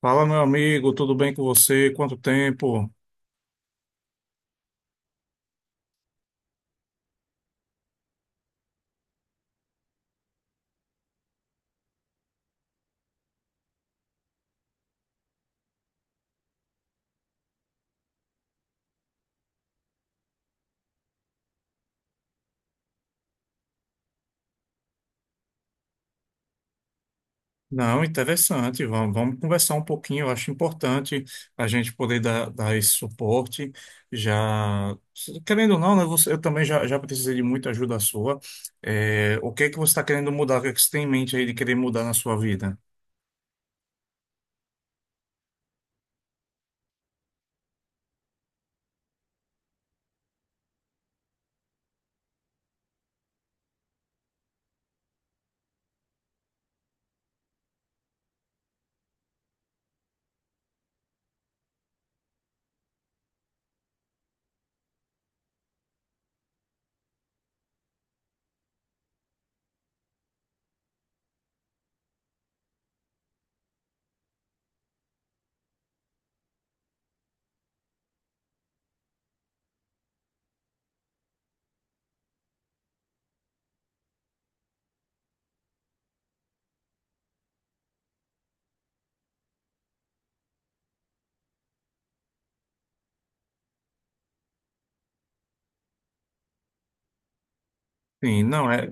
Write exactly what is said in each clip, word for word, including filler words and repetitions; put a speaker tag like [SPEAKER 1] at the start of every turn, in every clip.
[SPEAKER 1] Fala, meu amigo, tudo bem com você? Quanto tempo? Não, interessante. Vamos, vamos conversar um pouquinho. Eu acho importante a gente poder dar, dar esse suporte. Já, querendo ou não, né, você, eu também já, já precisei de muita ajuda sua. É, o que é que você está querendo mudar? O que é que você tem em mente aí de querer mudar na sua vida? Sim, não é.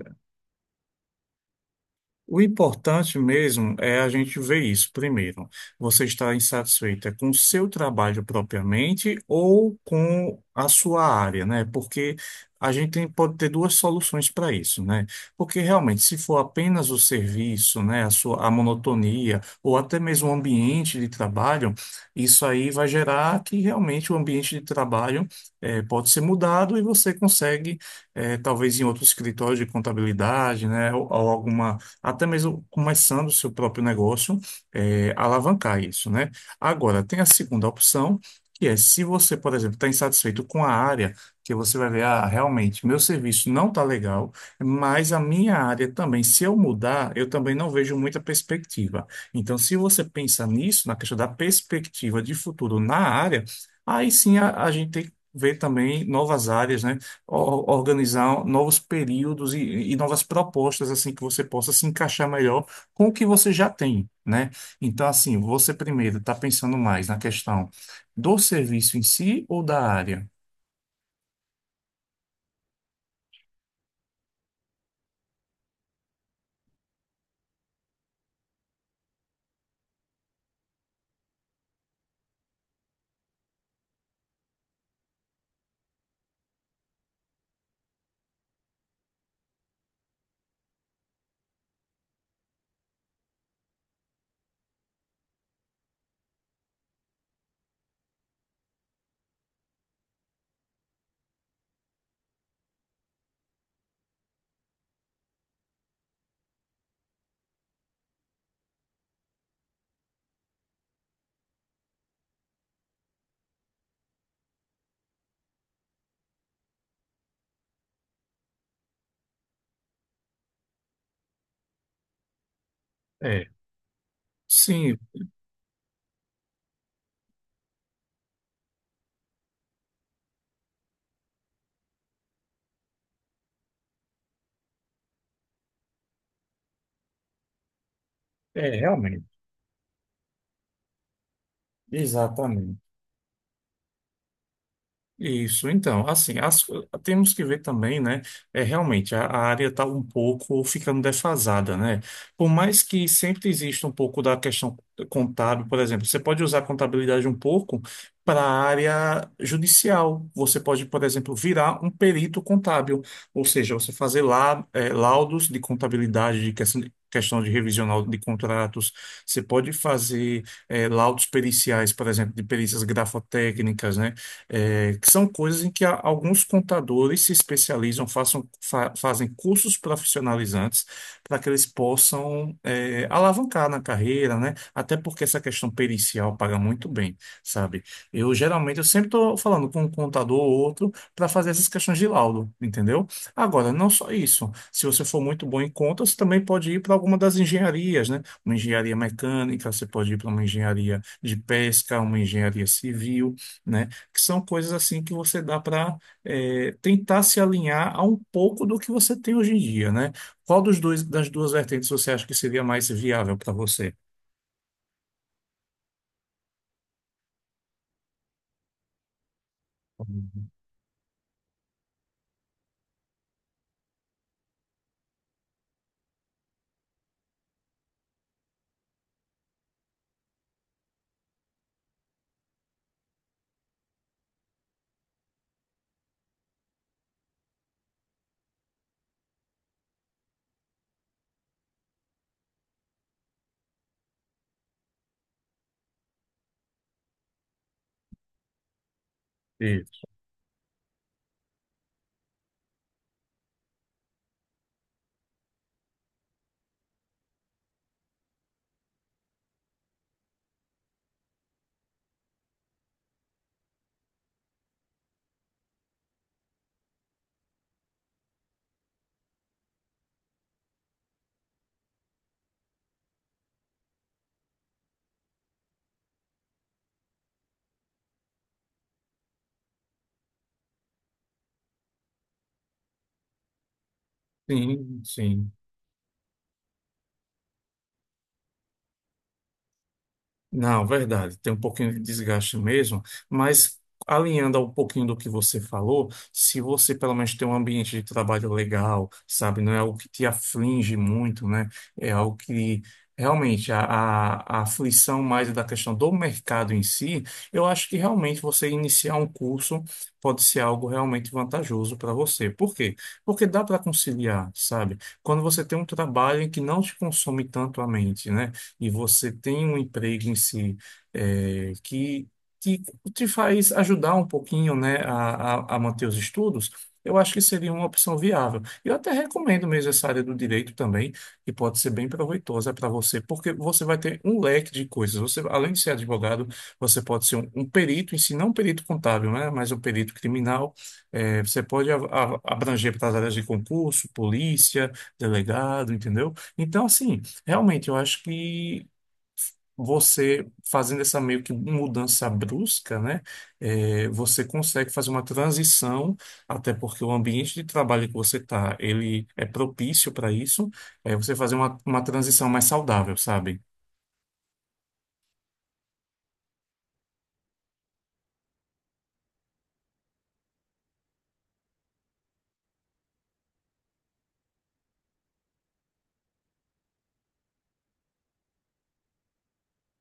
[SPEAKER 1] O importante mesmo é a gente ver isso primeiro. Você está insatisfeita com o seu trabalho propriamente ou com a sua área, né? Porque a gente tem- pode ter duas soluções para isso, né? Porque realmente, se for apenas o serviço, né, a sua, a monotonia ou até mesmo o ambiente de trabalho, isso aí vai gerar que realmente o ambiente de trabalho eh, pode ser mudado e você consegue, eh, talvez em outro escritório de contabilidade, né, ou ou alguma até mesmo começando o seu próprio negócio, é, alavancar isso, né? Agora, tem a segunda opção, que é se você, por exemplo, está insatisfeito com a área, que você vai ver, ah, realmente, meu serviço não está legal, mas a minha área também, se eu mudar, eu também não vejo muita perspectiva. Então, se você pensa nisso, na questão da perspectiva de futuro na área, aí sim a, a gente tem que ver também novas áreas, né? Or- organizar novos períodos e, e novas propostas assim que você possa se encaixar melhor com o que você já tem, né? Então, assim, você primeiro está pensando mais na questão do serviço em si ou da área? É, sim, é, realmente. Exatamente. Isso, então, assim, as- temos que ver também, né? É, realmente, a, a área está um pouco ficando defasada, né? Por mais que sempre exista um pouco da questão contábil, por exemplo, você pode usar a contabilidade um pouco para a área judicial. Você pode, por exemplo, virar um perito contábil, ou seja, você fazer lá, é, laudos de contabilidade, de questão de. Questão de revisional de contratos, você pode fazer é, laudos periciais, por exemplo, de perícias grafotécnicas, né? É, que são coisas em que a- alguns contadores se especializam, façam, fa- fazem cursos profissionalizantes para que eles possam é, alavancar na carreira, né? Até porque essa questão pericial paga muito bem, sabe? Eu geralmente eu sempre estou falando com um contador ou outro para fazer essas questões de laudo, entendeu? Agora, não só isso. Se você for muito bom em contas, também pode ir para alguma das engenharias, né? Uma engenharia mecânica, você pode ir para uma engenharia de pesca, uma engenharia civil, né? Que são coisas assim que você dá para tentar se alinhar a um pouco do que você tem hoje em dia, né? Qual dos dois, das duas vertentes você acha que seria mais viável para você? Isso. Sim, sim. Não, verdade, tem um pouquinho de desgaste mesmo, mas alinhando a um pouquinho do que você falou, se você pelo menos tem um ambiente de trabalho legal, sabe, não é algo que te aflige muito, né? É algo que realmente a, a, a aflição mais é da questão do mercado em si, eu acho que realmente você iniciar um curso pode ser algo realmente vantajoso para você. Por quê? Porque dá para conciliar, sabe? Quando você tem um trabalho em que não te consome tanto a mente, né? E você tem um emprego em si é, que te, te faz ajudar um pouquinho, né, a, a, a manter os estudos, eu acho que seria uma opção viável. Eu até recomendo mesmo essa área do direito também, que pode ser bem proveitosa para você, porque você vai ter um leque de coisas. Você, além de ser advogado, você pode ser um, um perito em si, não um perito contábil, né, mas um perito criminal. É, você pode a- a- abranger para as áreas de concurso, polícia, delegado, entendeu? Então, assim. Realmente, eu acho que você fazendo essa meio que mudança brusca, né, é, você consegue fazer uma transição, até porque o ambiente de trabalho que você está, ele é propício para isso, é você fazer uma, uma transição mais saudável, sabe?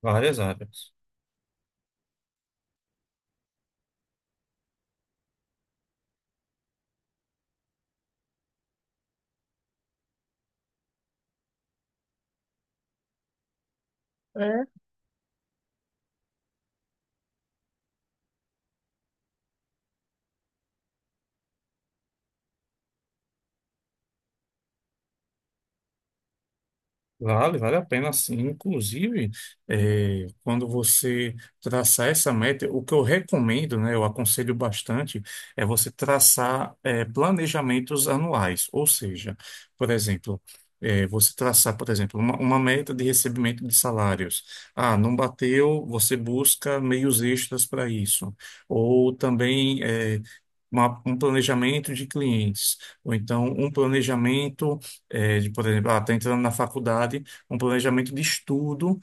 [SPEAKER 1] Várias áreas. Vale, vale a pena sim. Inclusive, eh, quando você traçar essa meta, o que eu recomendo, né, eu aconselho bastante, é você traçar, eh, planejamentos anuais. Ou seja, por exemplo, eh, você traçar, por exemplo, uma, uma meta de recebimento de salários. Ah, não bateu, você busca meios extras para isso. Ou também, eh, uma- um planejamento de clientes, ou então um planejamento, eh, de, por exemplo, está entrando na faculdade, um planejamento de estudo,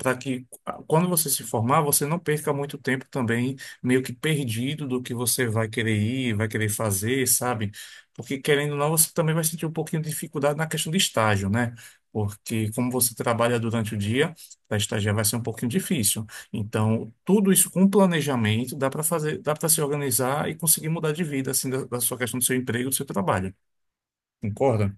[SPEAKER 1] para que ah, quando você se formar, você não perca muito tempo também, meio que perdido do que você vai querer ir, vai querer fazer, sabe? Porque querendo ou não, você também vai sentir um pouquinho de dificuldade na questão de estágio, né? Porque como você trabalha durante o dia, para estagiar vai ser um pouquinho difícil. Então, tudo isso com planejamento dá para fazer, dá para se organizar e conseguir mudar de vida, assim, da, da sua questão do seu emprego, do seu trabalho. Concorda?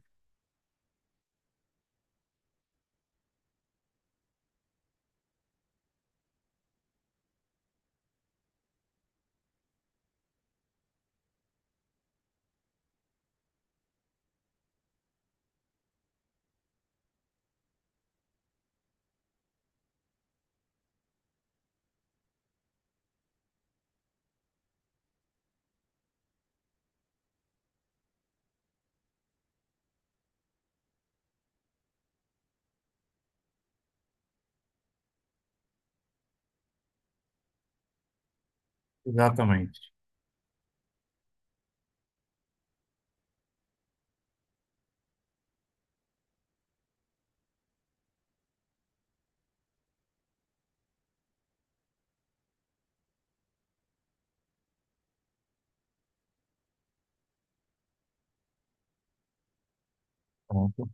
[SPEAKER 1] Exatamente. Pronto.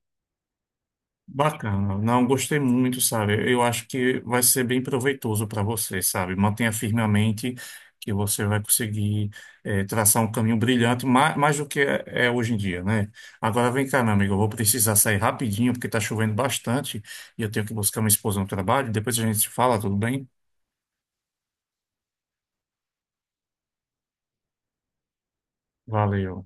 [SPEAKER 1] Bacana. Não, gostei muito, sabe? Eu acho que vai ser bem proveitoso para você, sabe? Mantenha firmemente que você vai conseguir eh, traçar um caminho brilhante, mais, mais do que é, é hoje em dia, né? Agora vem cá, meu amigo, eu vou precisar sair rapidinho porque está chovendo bastante e eu tenho que buscar minha esposa no trabalho. Depois a gente se fala, tudo bem? Valeu.